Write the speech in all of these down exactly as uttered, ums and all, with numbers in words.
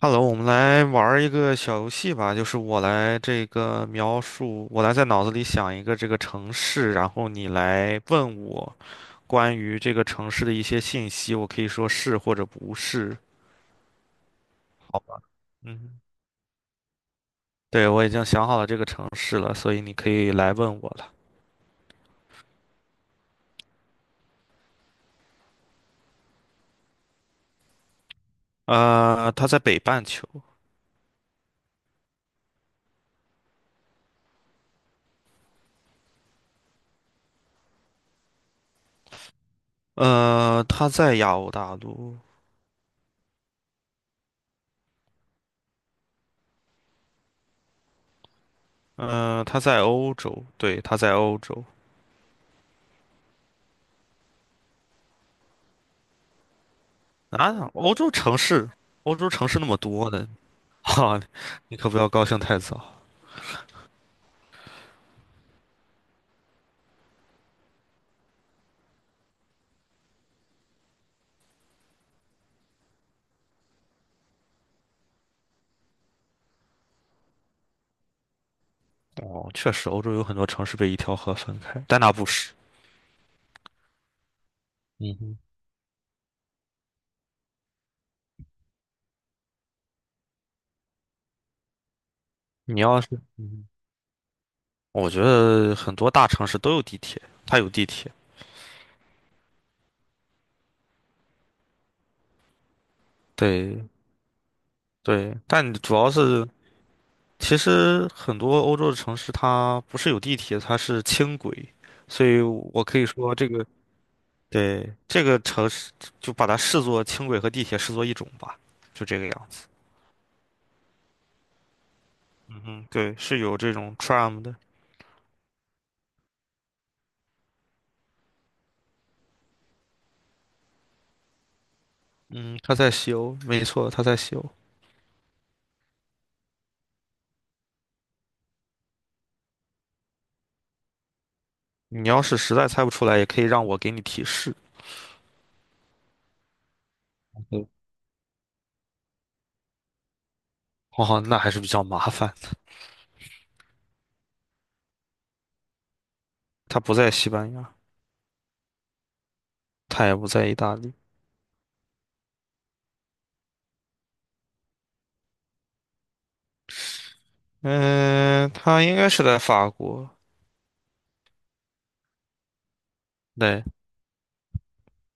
Hello,我们来玩儿一个小游戏吧，就是我来这个描述，我来在脑子里想一个这个城市，然后你来问我关于这个城市的一些信息，我可以说是或者不是。好吧，嗯，对，我已经想好了这个城市了，所以你可以来问我了。呃，它在北半球，呃，它在亚欧大陆，呃，它在欧洲，对，它在欧洲。啊，欧洲城市，欧洲城市那么多呢。哈、你可不要高兴太早。哦，确实，欧洲有很多城市被一条河分开，但那不是。嗯哼，你要是，嗯哼，我觉得很多大城市都有地铁，它有地铁。对对，但主要是，其实很多欧洲的城市它不是有地铁，它是轻轨，所以我可以说这个，对，这个城市就把它视作轻轨和地铁视作一种吧，就这个样子。嗯哼，对，是有这种 tram 的。嗯，他在西欧，没错，他在西欧。你要是实在猜不出来，也可以让我给你提示。嗯，哦，那还是比较麻烦。他不在西班牙，他也不在意大利。嗯，他应该是在法国。对，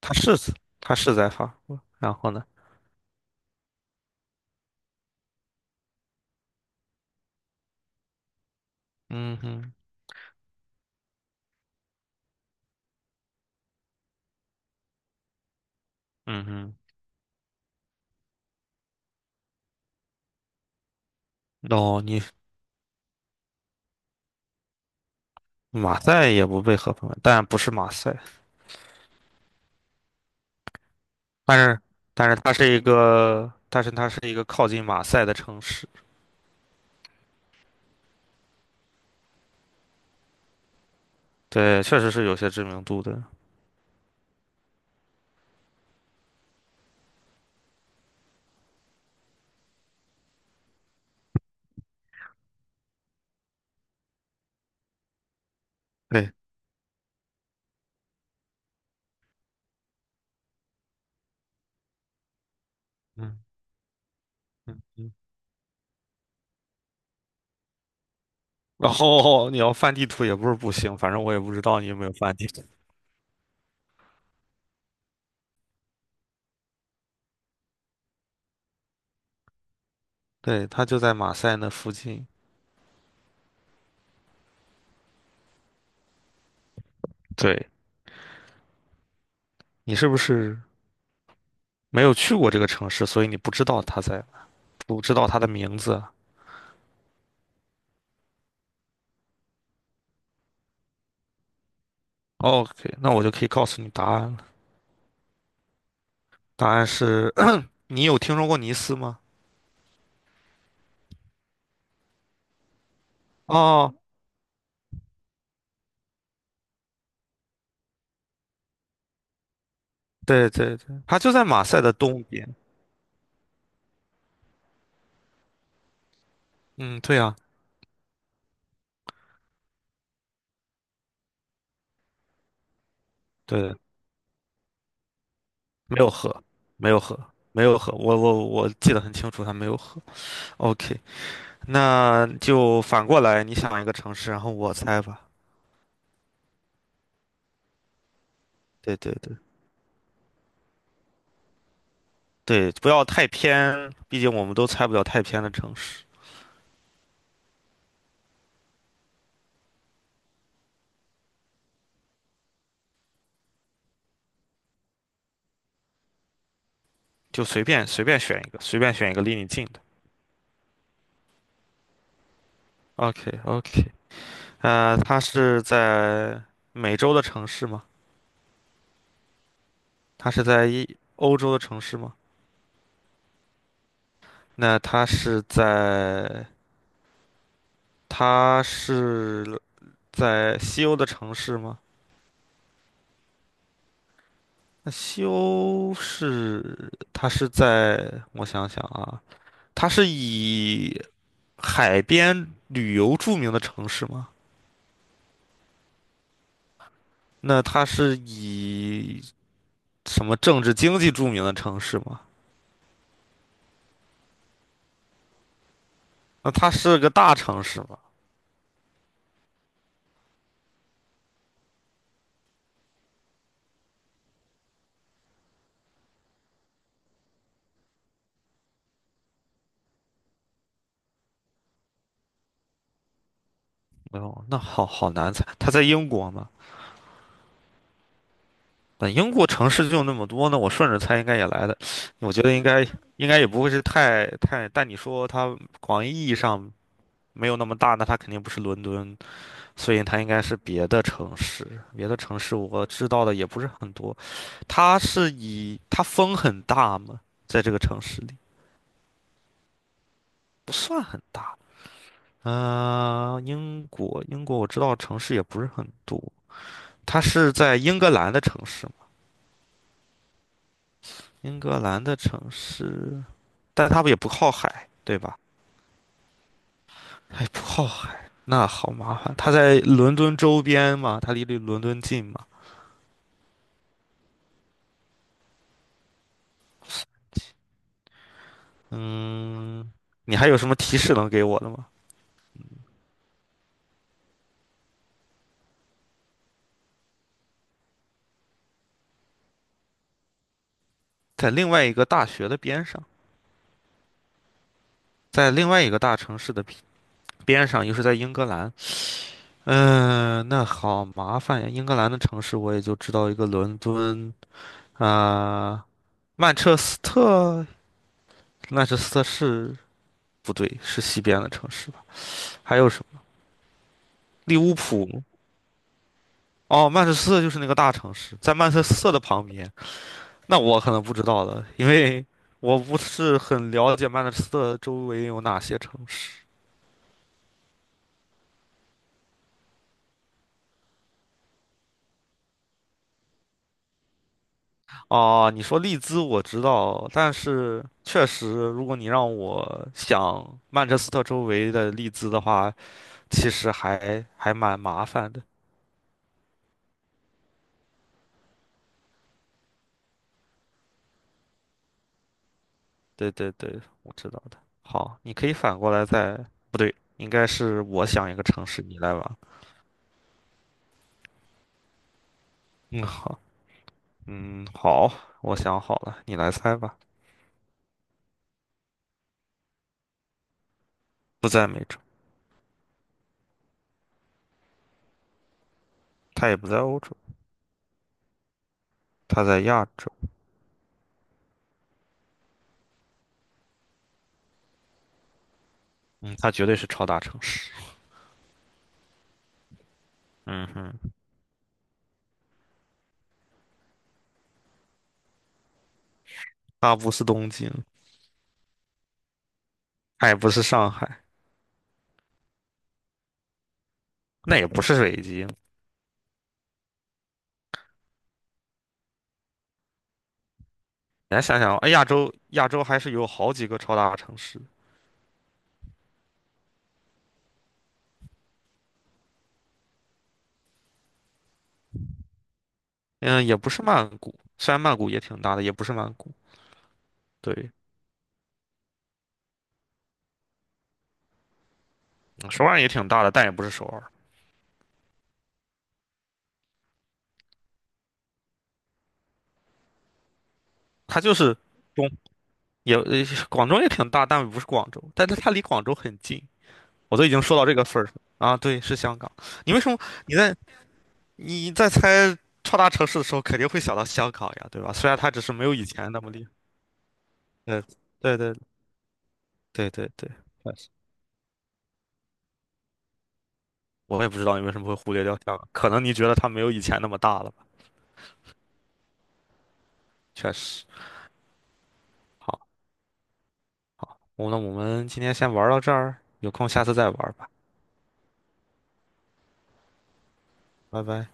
他是他是在法国。然后呢？嗯哼，嗯哼。哦，你马赛也不被合并，但不是马赛，但是但是它是一个，但是它是一个靠近马赛的城市。对，确实是有些知名度的。对，嗯嗯嗯。然后你要翻地图也不是不行，反正我也不知道你有没有翻地图。对，它就在马赛那附近。对，你是不是没有去过这个城市，所以你不知道它在，不知道它的名字啊？OK,那我就可以告诉你答案了。答案是，你有听说过尼斯吗？哦，对对对，它就在马赛的东边。嗯，对呀，对，没有河，没有河，没有河。我我我记得很清楚，它没有河。OK,那就反过来，你想一个城市，然后我猜吧。对对对对，不要太偏，毕竟我们都猜不了太偏的城市，就随便随便选一个，随便选一个离你近的。OK OK,呃，它是在美洲的城市吗？它是在一欧洲的城市吗？那它是在它是在西欧的城市吗？那西欧是它是在我想想啊，它是以海边旅游著名的城市吗？那它是以什么政治经济著名的城市吗？那它是个大城市吗？哦，那好好难猜。它在英国吗？那英国城市就那么多呢，那我顺着猜应该也来的。我觉得应该应该也不会是太太，但你说它广义意义上没有那么大，那它肯定不是伦敦，所以它应该是别的城市。别的城市我知道的也不是很多。它是以它风很大吗？在这个城市里不算很大。嗯、英国，英国我知道城市也不是很多，它是在英格兰的城市嘛？英格兰的城市，但它不也不靠海，对吧？哎，那好麻烦，它在伦敦周边嘛，它离离伦敦近嘛。嗯，你还有什么提示能给我的吗？在另外一个大学的边上，在另外一个大城市的边上，又是在英格兰。嗯、那好麻烦呀！英格兰的城市我也就知道一个伦敦啊。曼彻斯特，曼彻斯特是不对，是西边的城市吧？还有什么？利物浦？哦，曼彻斯特就是那个大城市，在曼彻斯特的旁边。那我可能不知道了，因为我不是很了解曼彻斯特周围有哪些城市。哦，你说利兹我知道，但是确实，如果你让我想曼彻斯特周围的利兹的话，其实还还蛮麻烦的。对对对，我知道的。好，你可以反过来再，不对，应该是我想一个城市，你来玩。嗯，好，嗯，好，我想好了，你来猜吧。不在美洲，它也不在欧洲，它在亚洲。嗯，它绝对是超大城市。嗯哼，它不是东京，它也不是上海，那也不是北京。你来想想，哎，亚洲亚洲还是有好几个超大城市。嗯，也不是曼谷，虽然曼谷也挺大的，也不是曼谷。对，嗯首尔也挺大的，但也不是首尔，它就是。也呃广州也挺大，但不是广州，但是它离广州很近，我都已经说到这个份儿上啊。对，是香港。你为什么你在你在猜超大城市的时候，肯定会想到香港呀，对吧？虽然它只是没有以前那么厉害。嗯，对对对对对，确实，我也不知道你为什么会忽略掉香港，可能你觉得它没有以前那么大了吧？确实。好，我那我们今天先玩到这儿，有空下次再玩吧，拜拜。